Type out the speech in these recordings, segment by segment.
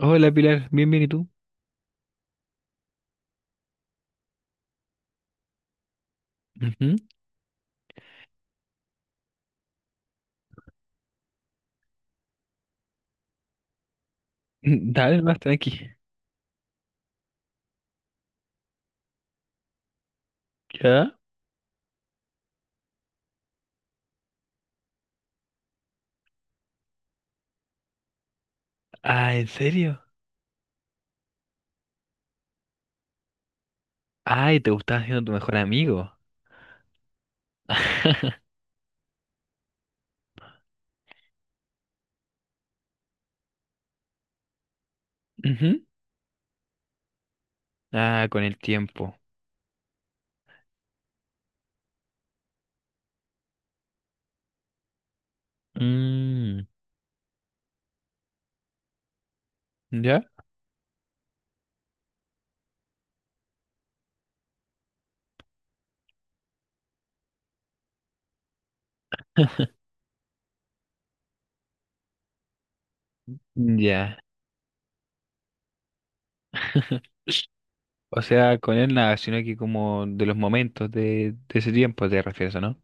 Hola Pilar, bien, bien, ¿y tú? Ujú. Dale, más tranqui. ¿Ya? Ah, ¿en serio? Ay, te gustaba siendo tu mejor amigo. Ujú. Ah, con el tiempo. Mm, ¿ya? Ya. O sea, con él nada, sino que como de los momentos de ese tiempo te refieres, ¿o no?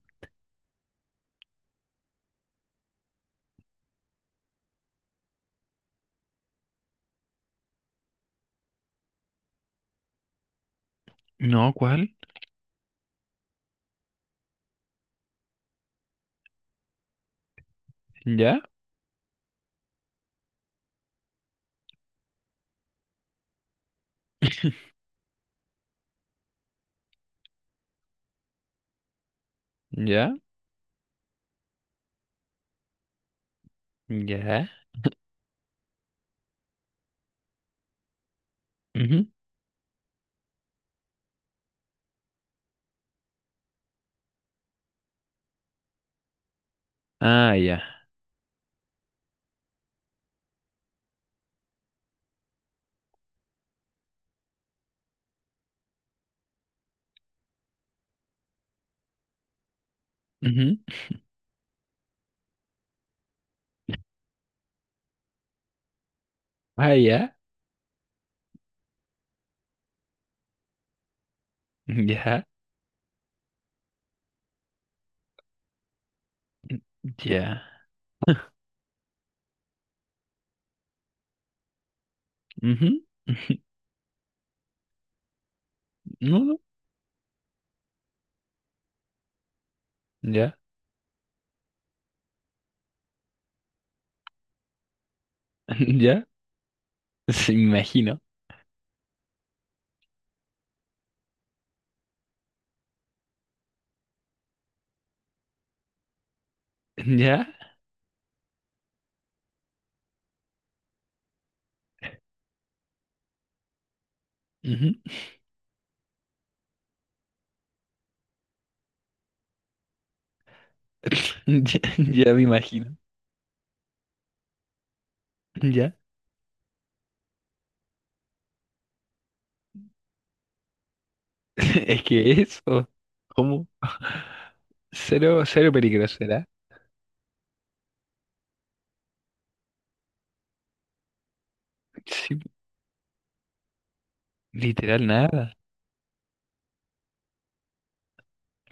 No, ¿cuál? Ya, ya, ya. Ujú. Ah, ya. Ujú. Ah, ya, ya, ya. Ujú. No, no. Ya, ya. Se me imagino. ¿Ya? Ujú. Ya, ya me imagino. ¿Ya? Es que eso, cómo. Cero, cero peligroso, ¿verdad? Sí, literal nada.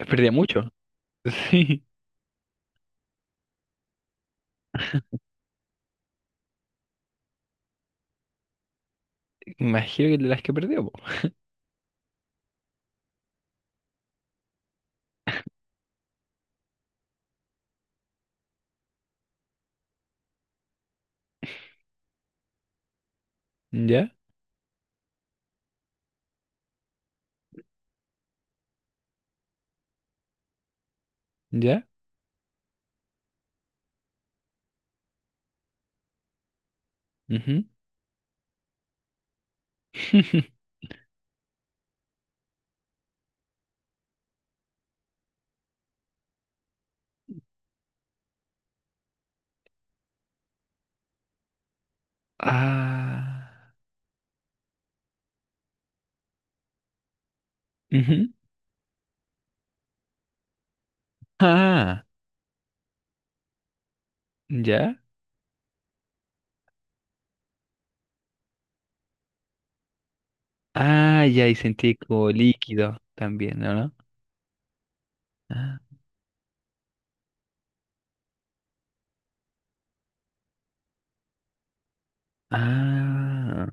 Perdía mucho. Sí, imagino que de las que perdió, po. ¿Ya? ¿Ya? Ujú. Ah. Ujú. Ah. ¿Ya? Ah, ya, y sentí como líquido también, ¿no? ¿No? Ah. Ah.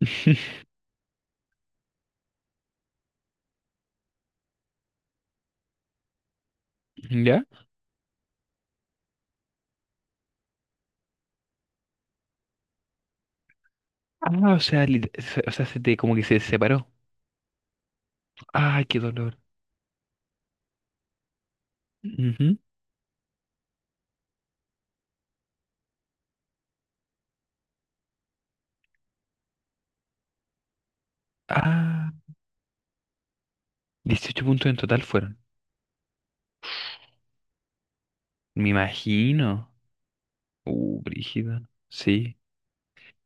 ¿Ya? Ah, o sea, o sea, se te como que se separó. Ay, qué dolor. Ujú. Ah, 18 puntos en total fueron. Me imagino. Brígido. Sí.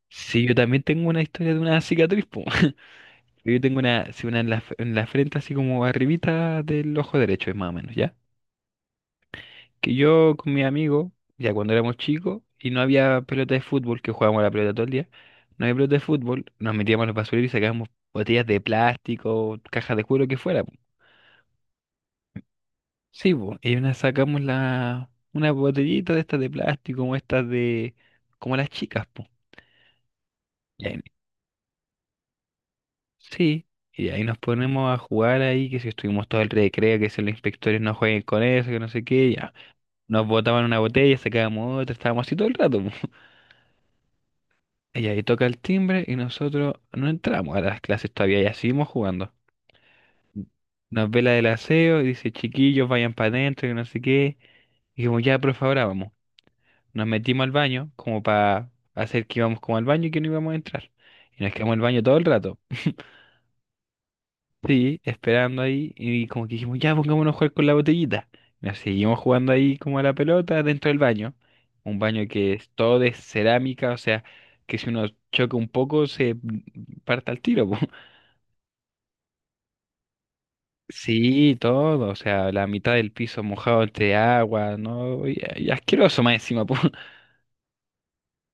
Sí, yo también tengo una historia de una cicatriz, po. Yo tengo una, sí, una en la frente, así como arribita del ojo derecho, es más o menos, ¿ya? Que yo con mi amigo, ya cuando éramos chicos, y no había pelota de fútbol, que jugábamos a la pelota todo el día, no había pelota de fútbol, nos metíamos a los basureros y sacábamos botellas de plástico, cajas de cuero, lo que fuera. Sí, pues, y una sacamos la, una botellita de estas de plástico, como estas de, como las chicas, pues. Y ahí- sí, y ahí nos ponemos a jugar ahí, que si estuvimos todo el recreo, que si los inspectores no jueguen con eso, que no sé qué, ya. Nos botaban una botella, sacábamos otra, estábamos así todo el rato, po. Y ahí toca el timbre y nosotros no entramos a las clases todavía, ya seguimos jugando. Nos ve la del aseo y dice, chiquillos, vayan para adentro, que no sé qué. Y como ya, por favor, ahora vamos. Nos metimos al baño como para hacer que íbamos como al baño y que no íbamos a entrar. Y nos quedamos en el baño todo el rato. Sí, esperando ahí y como que dijimos, ya pongámonos a jugar con la botellita. Nos seguimos jugando ahí como a la pelota dentro del baño. Un baño que es todo de cerámica, o sea, que si uno choca un poco se parta al tiro, po. Sí, todo, o sea, la mitad del piso mojado entre agua, ¿no? Y asqueroso más encima, po.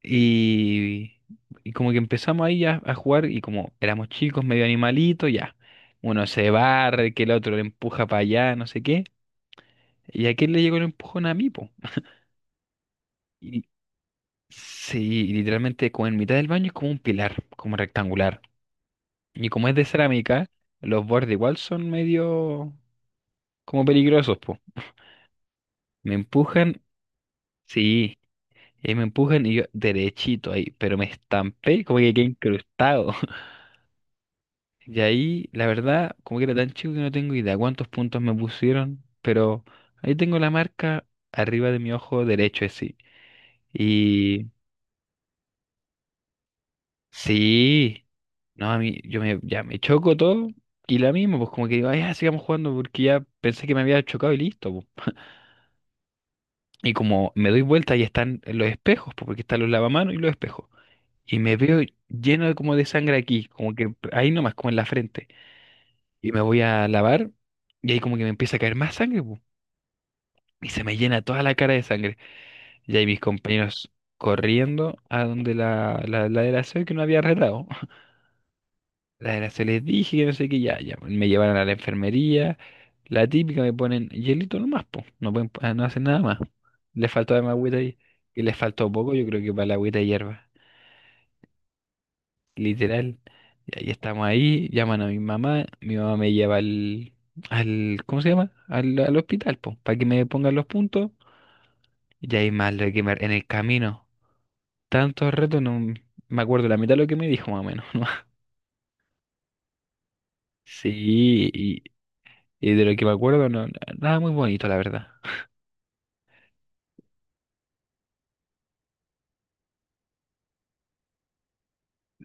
Y, y como que empezamos ahí a jugar y como éramos chicos, medio animalitos, ya. Uno se barre, que el otro le empuja para allá, no sé qué. Y a aquel le llegó el empujón a mí, po. Y sí, y literalmente como en mitad del baño es como un pilar, como rectangular. Y como es de cerámica, los bordes igual son medio como peligrosos, po. Me empujan, sí, y me empujan y yo derechito ahí, pero me estampé como que quedé incrustado. Y ahí, la verdad, como que era tan chico que no tengo idea cuántos puntos me pusieron, pero ahí tengo la marca arriba de mi ojo derecho, así. Y sí, no, a mí, yo me, ya me choco todo y la misma, pues como que digo, "Ay, ya sigamos jugando porque ya pensé que me había chocado y listo, po". Y como me doy vuelta y están los espejos, pues, porque están los lavamanos y los espejos. Y me veo lleno de como de sangre aquí, como que ahí nomás, como en la frente. Y me voy a lavar y ahí como que me empieza a caer más sangre, po. Y se me llena toda la cara de sangre. Y ahí mis compañeros corriendo a donde la, la de la SEO que no había retado. La de la SEO les dije que no sé qué, ya, ya, pues. Me llevaron a la enfermería. La típica me ponen hielito nomás, po. No pueden, no hacen nada más. Les faltó además agüita ahí. Y les faltó poco, yo creo que para la agüita de hierba. Literal. Y ahí estamos ahí, llaman a mi mamá. Mi mamá me lleva al, ¿cómo se llama? Al hospital, po, para que me pongan los puntos. Y ahí más lo que me, en el camino. Tantos retos, no me acuerdo la mitad de lo que me dijo más o menos, ¿no? Sí, y de lo que me acuerdo, no, nada muy bonito, la verdad.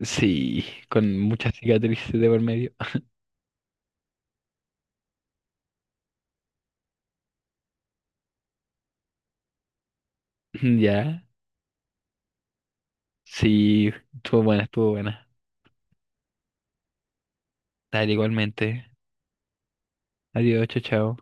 Sí, con muchas cicatrices de por medio. Ya, sí, estuvo buena, estuvo buena. Dale, igualmente. Adiós, chao, chao.